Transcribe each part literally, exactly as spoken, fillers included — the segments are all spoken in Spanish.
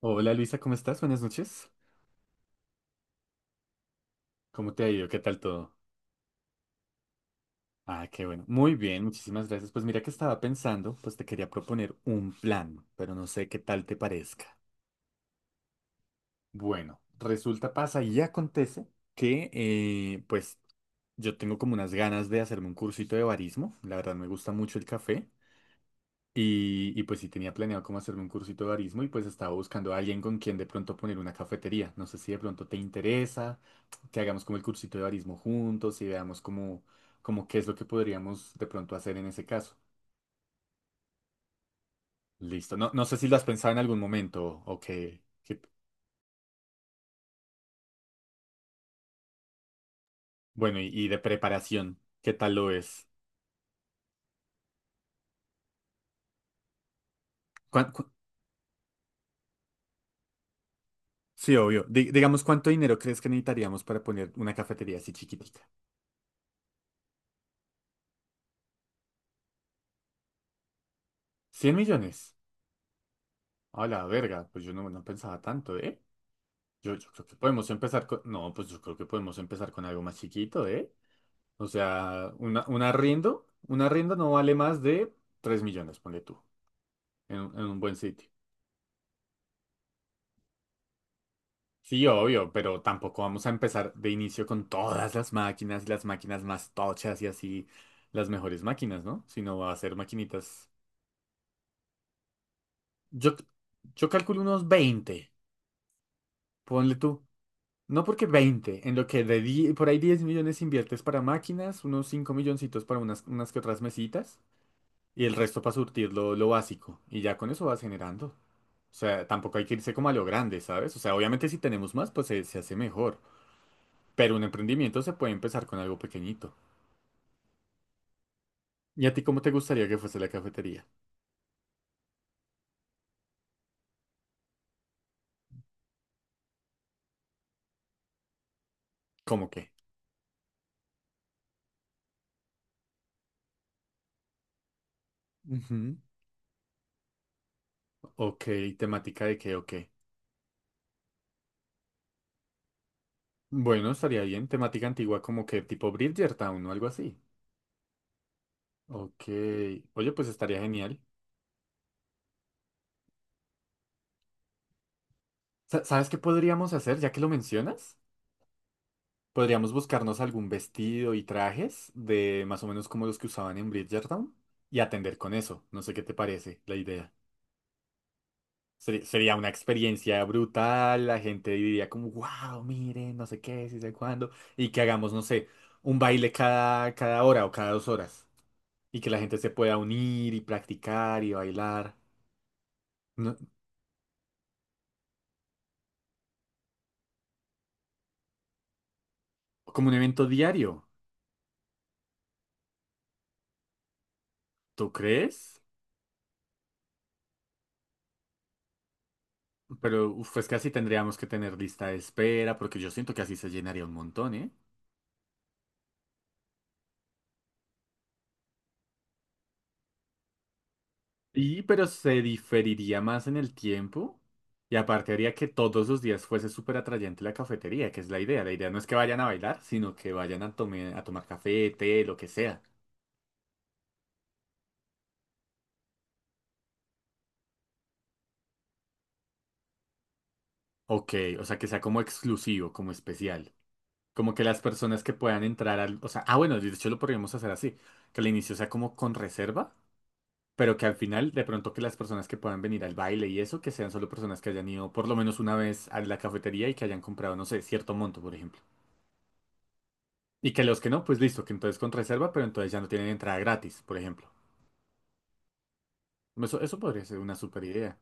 Hola Luisa, ¿cómo estás? Buenas noches. ¿Cómo te ha ido? ¿Qué tal todo? Ah, qué bueno. Muy bien, muchísimas gracias. Pues mira que estaba pensando, pues te quería proponer un plan, pero no sé qué tal te parezca. Bueno, resulta, pasa y acontece que eh, pues yo tengo como unas ganas de hacerme un cursito de barismo. La verdad me gusta mucho el café. Y, y pues sí tenía planeado cómo hacerme un cursito de barismo y pues estaba buscando a alguien con quien de pronto poner una cafetería. No sé si de pronto te interesa que hagamos como el cursito de barismo juntos y veamos como, como qué es lo que podríamos de pronto hacer en ese caso. Listo. No, no sé si lo has pensado en algún momento o que, que- bueno, y, y de preparación, ¿qué tal lo es? ¿Cuán- cu- sí, obvio. Di- digamos, ¿cuánto dinero crees que necesitaríamos para poner una cafetería así chiquitica? ¿Cien millones? A la verga, pues yo no, no pensaba tanto, ¿eh? Yo, yo creo que podemos empezar con... No, pues yo creo que podemos empezar con algo más chiquito, ¿eh? O sea, una, un arriendo, un arriendo no vale más de tres millones, ponle tú, en, un- en un buen sitio. Sí, obvio, pero tampoco vamos a empezar de inicio con todas las máquinas y las máquinas más tochas y así, las mejores máquinas, ¿no? Sino va a ser maquinitas... Yo, yo calculo unos veinte, ponle tú. No porque veinte en lo que de die- por ahí diez millones inviertes para máquinas, unos cinco milloncitos para unas, unas que otras mesitas. Y el resto para surtir lo, lo básico. Y ya con eso vas generando. O sea, tampoco hay que irse como a lo grande, ¿sabes? O sea, obviamente si tenemos más, pues se, se hace mejor. Pero un emprendimiento se puede empezar con algo pequeñito. ¿Y a ti cómo te gustaría que fuese la cafetería? ¿Cómo qué? Ujú. Ok, ¿temática de qué o Bueno, estaría bien. Temática antigua como que tipo Bridgertown o algo así. Ok. Oye, pues estaría genial. Sa- ¿Sabes qué podríamos hacer ya que lo mencionas? Podríamos buscarnos algún vestido y trajes de más o menos como los que usaban en Bridgerton y atender con eso. No sé qué te parece la idea. Seri- Sería una experiencia brutal, la gente diría como, wow, miren, no sé qué, si sé cuándo, y que hagamos, no sé, un baile cada, cada hora o cada dos horas, y que la gente se pueda unir y practicar y bailar. No- Como un evento diario. ¿Tú crees? Pero uf, es que así tendríamos que tener lista de espera, porque yo siento que así se llenaría un montón, ¿eh? Y pero se diferiría más en el tiempo. Y aparte haría que todos los días fuese súper atrayente la cafetería, que es la idea. La idea no es que vayan a bailar, sino que vayan a, tome- a tomar café, té, lo que sea. Ok, o sea, que sea como exclusivo, como especial. Como que las personas que puedan entrar al... O sea, ah, bueno, de hecho lo podríamos hacer así. Que al inicio sea como con reserva, pero que al final de pronto que las personas que puedan venir al baile y eso, que sean solo personas que hayan ido por lo menos una vez a la cafetería y que hayan comprado, no sé, cierto monto, por ejemplo. Y que los que no, pues listo, que entonces con reserva, pero entonces ya no tienen entrada gratis, por ejemplo. Eso, eso podría ser una super idea.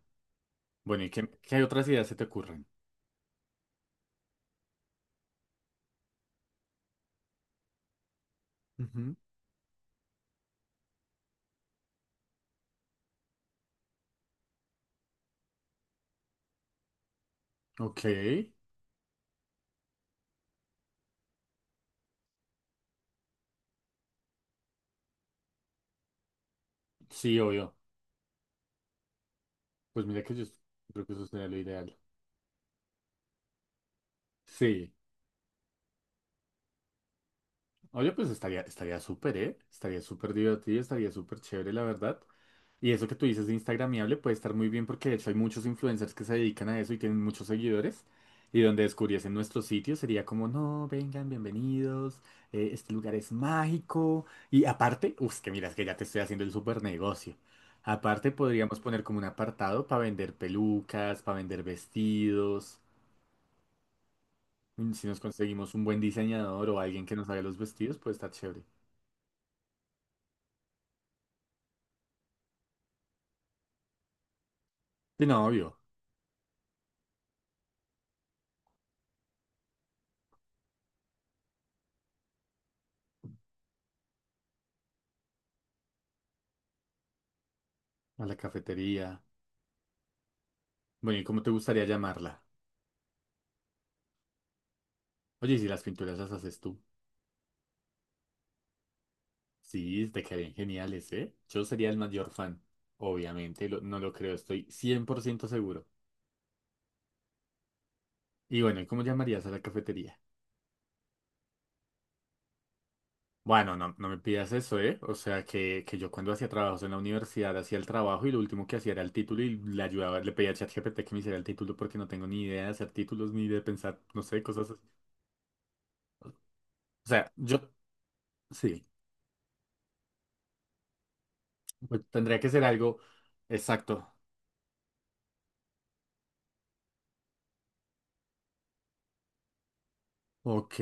Bueno, ¿y qué, qué otras ideas se te ocurren? Ujú. Ok, sí, obvio. Pues mira que yo creo que eso sería lo ideal. Sí, oye, pues estaría, estaría súper, ¿eh? Estaría súper divertido, estaría súper chévere, la verdad. Y eso que tú dices de Instagramiable puede estar muy bien porque de hecho hay muchos influencers que se dedican a eso y tienen muchos seguidores. Y donde descubriesen nuestro sitio sería como, no, vengan, bienvenidos, eh, este lugar es mágico. Y aparte, uff, que miras que ya te estoy haciendo el super negocio. Aparte podríamos poner como un apartado para vender pelucas, para vender vestidos. Mm, Si nos conseguimos un buen diseñador o alguien que nos haga los vestidos, puede estar chévere. Y no, obvio, a la cafetería. Bueno, ¿y cómo te gustaría llamarla? Oye, ¿y si las pinturas las haces tú? Sí, te quedarían geniales, ¿eh? Yo sería el mayor fan, obviamente, lo- no lo creo, estoy cien por ciento seguro. Y bueno, ¿y cómo llamarías a la cafetería? Bueno, no, no me pidas eso, ¿eh? O sea, que, que yo cuando hacía trabajos en la universidad hacía el trabajo y lo último que hacía era el título y le ayudaba, le pedía a ChatGPT que me hiciera el título porque no tengo ni idea de hacer títulos ni de pensar, no sé, cosas así. O sea, yo, sí, pues tendría que ser algo exacto. Ok.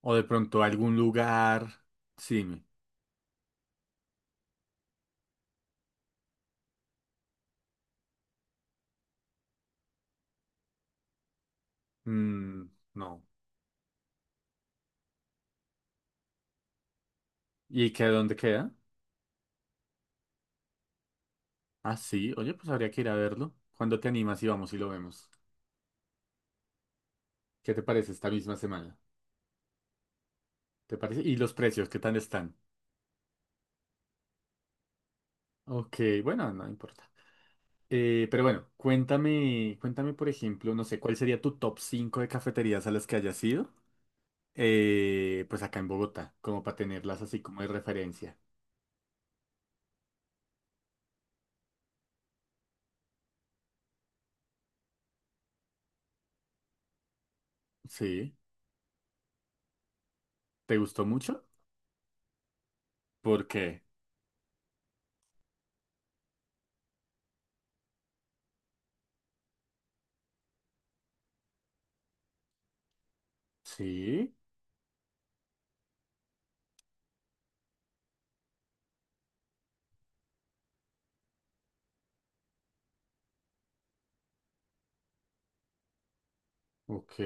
O de pronto algún lugar. Sí, me- mm, no. ¿Y qué dónde queda? Ah, sí. Oye, pues habría que ir a verlo. ¿Cuándo te animas y vamos y lo vemos? ¿Qué te parece esta misma semana? ¿Te parece? ¿Y los precios, qué tal están? Ok, bueno, no importa. Eh, pero bueno, cuéntame, cuéntame, por ejemplo, no sé, ¿cuál sería tu top cinco de cafeterías a las que hayas ido? Eh, pues acá en Bogotá, como para tenerlas así como de referencia. Sí. ¿Te gustó mucho? ¿Por qué? Sí. Ok.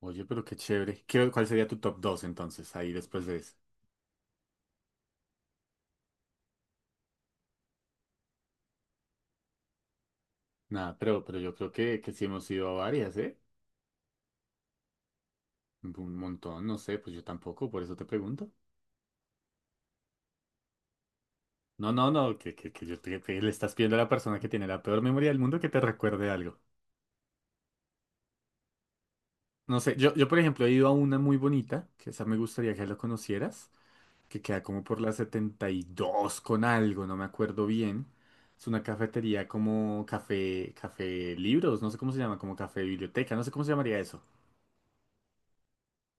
Oye, pero qué chévere. ¿Qué- ¿cuál sería tu top dos entonces, ahí después de ese? Nada, pero, pero yo creo que, que sí hemos ido a varias, ¿eh? Un montón, no sé, pues yo tampoco, por eso te pregunto. No, no, no, que, que, que yo te- que le estás pidiendo a la persona que tiene la peor memoria del mundo que te recuerde algo. No sé, yo, yo por ejemplo he ido a una muy bonita, que esa me gustaría que lo conocieras, que queda como por la setenta y dos con algo, no me acuerdo bien. Es una cafetería como café, café libros, no sé cómo se llama, como café biblioteca, no sé cómo se llamaría eso.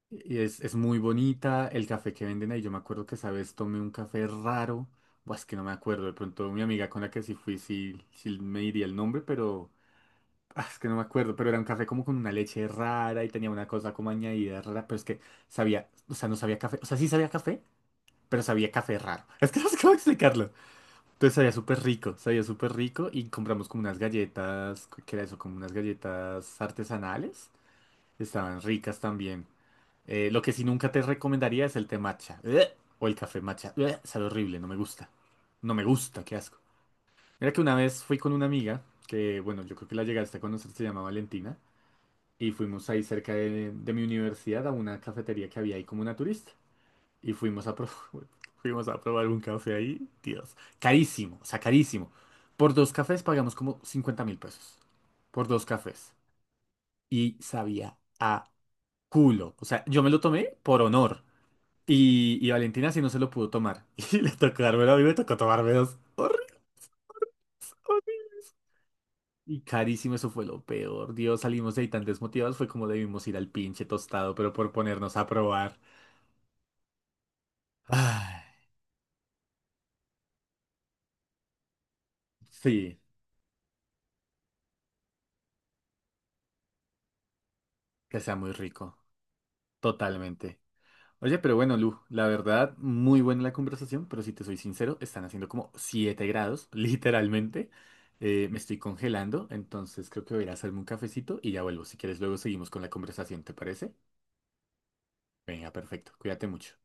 Y es, es muy bonita el café que venden ahí. Yo me acuerdo que esa vez tomé un café raro. Buah, es que no me acuerdo. De pronto mi amiga con la que sí fui, sí, sí me diría el nombre, pero ah, es que no me acuerdo. Pero era un café como con una leche rara y tenía una cosa como añadida rara. Pero es que sabía, o sea, no sabía café. O sea, sí sabía café, pero sabía café raro. Es que no sé cómo explicarlo. Entonces sabía súper rico, sabía súper rico. Y compramos como unas galletas, ¿qué era eso? Como unas galletas artesanales. Estaban ricas también. Eh, lo que sí nunca te recomendaría es el té matcha. ¡Ugh! O el café matcha. ¡Ugh! Sabe horrible, no me gusta. No me gusta, qué asco. Mira que una vez fui con una amiga, que bueno, yo creo que la llegaste a conocer, se llama Valentina, y fuimos ahí cerca de, de mi universidad a una cafetería que había ahí como naturista. Y fuimos a, pro- fuimos a probar un café ahí, Dios. Carísimo, o sea, carísimo. Por dos cafés pagamos como cincuenta mil pesos. Por dos cafés. Y sabía a culo. O sea, yo me lo tomé por honor. Y, y Valentina sí no se lo pudo tomar. Y le tocó dármelo a mí, me tocó tomarme dos. Horribles, horribles. Y carísimo, eso fue lo peor. Dios, salimos de ahí tan desmotivados. Fue como debimos ir al pinche tostado, pero por ponernos a probar. Ay, sí, que sea muy rico. Totalmente. Oye, pero bueno, Lu, la verdad, muy buena la conversación, pero si te soy sincero, están haciendo como siete grados, literalmente. Eh, me estoy congelando, entonces creo que voy a ir a hacerme un cafecito y ya vuelvo. Si quieres, luego seguimos con la conversación, ¿te parece? Venga, perfecto. Cuídate mucho.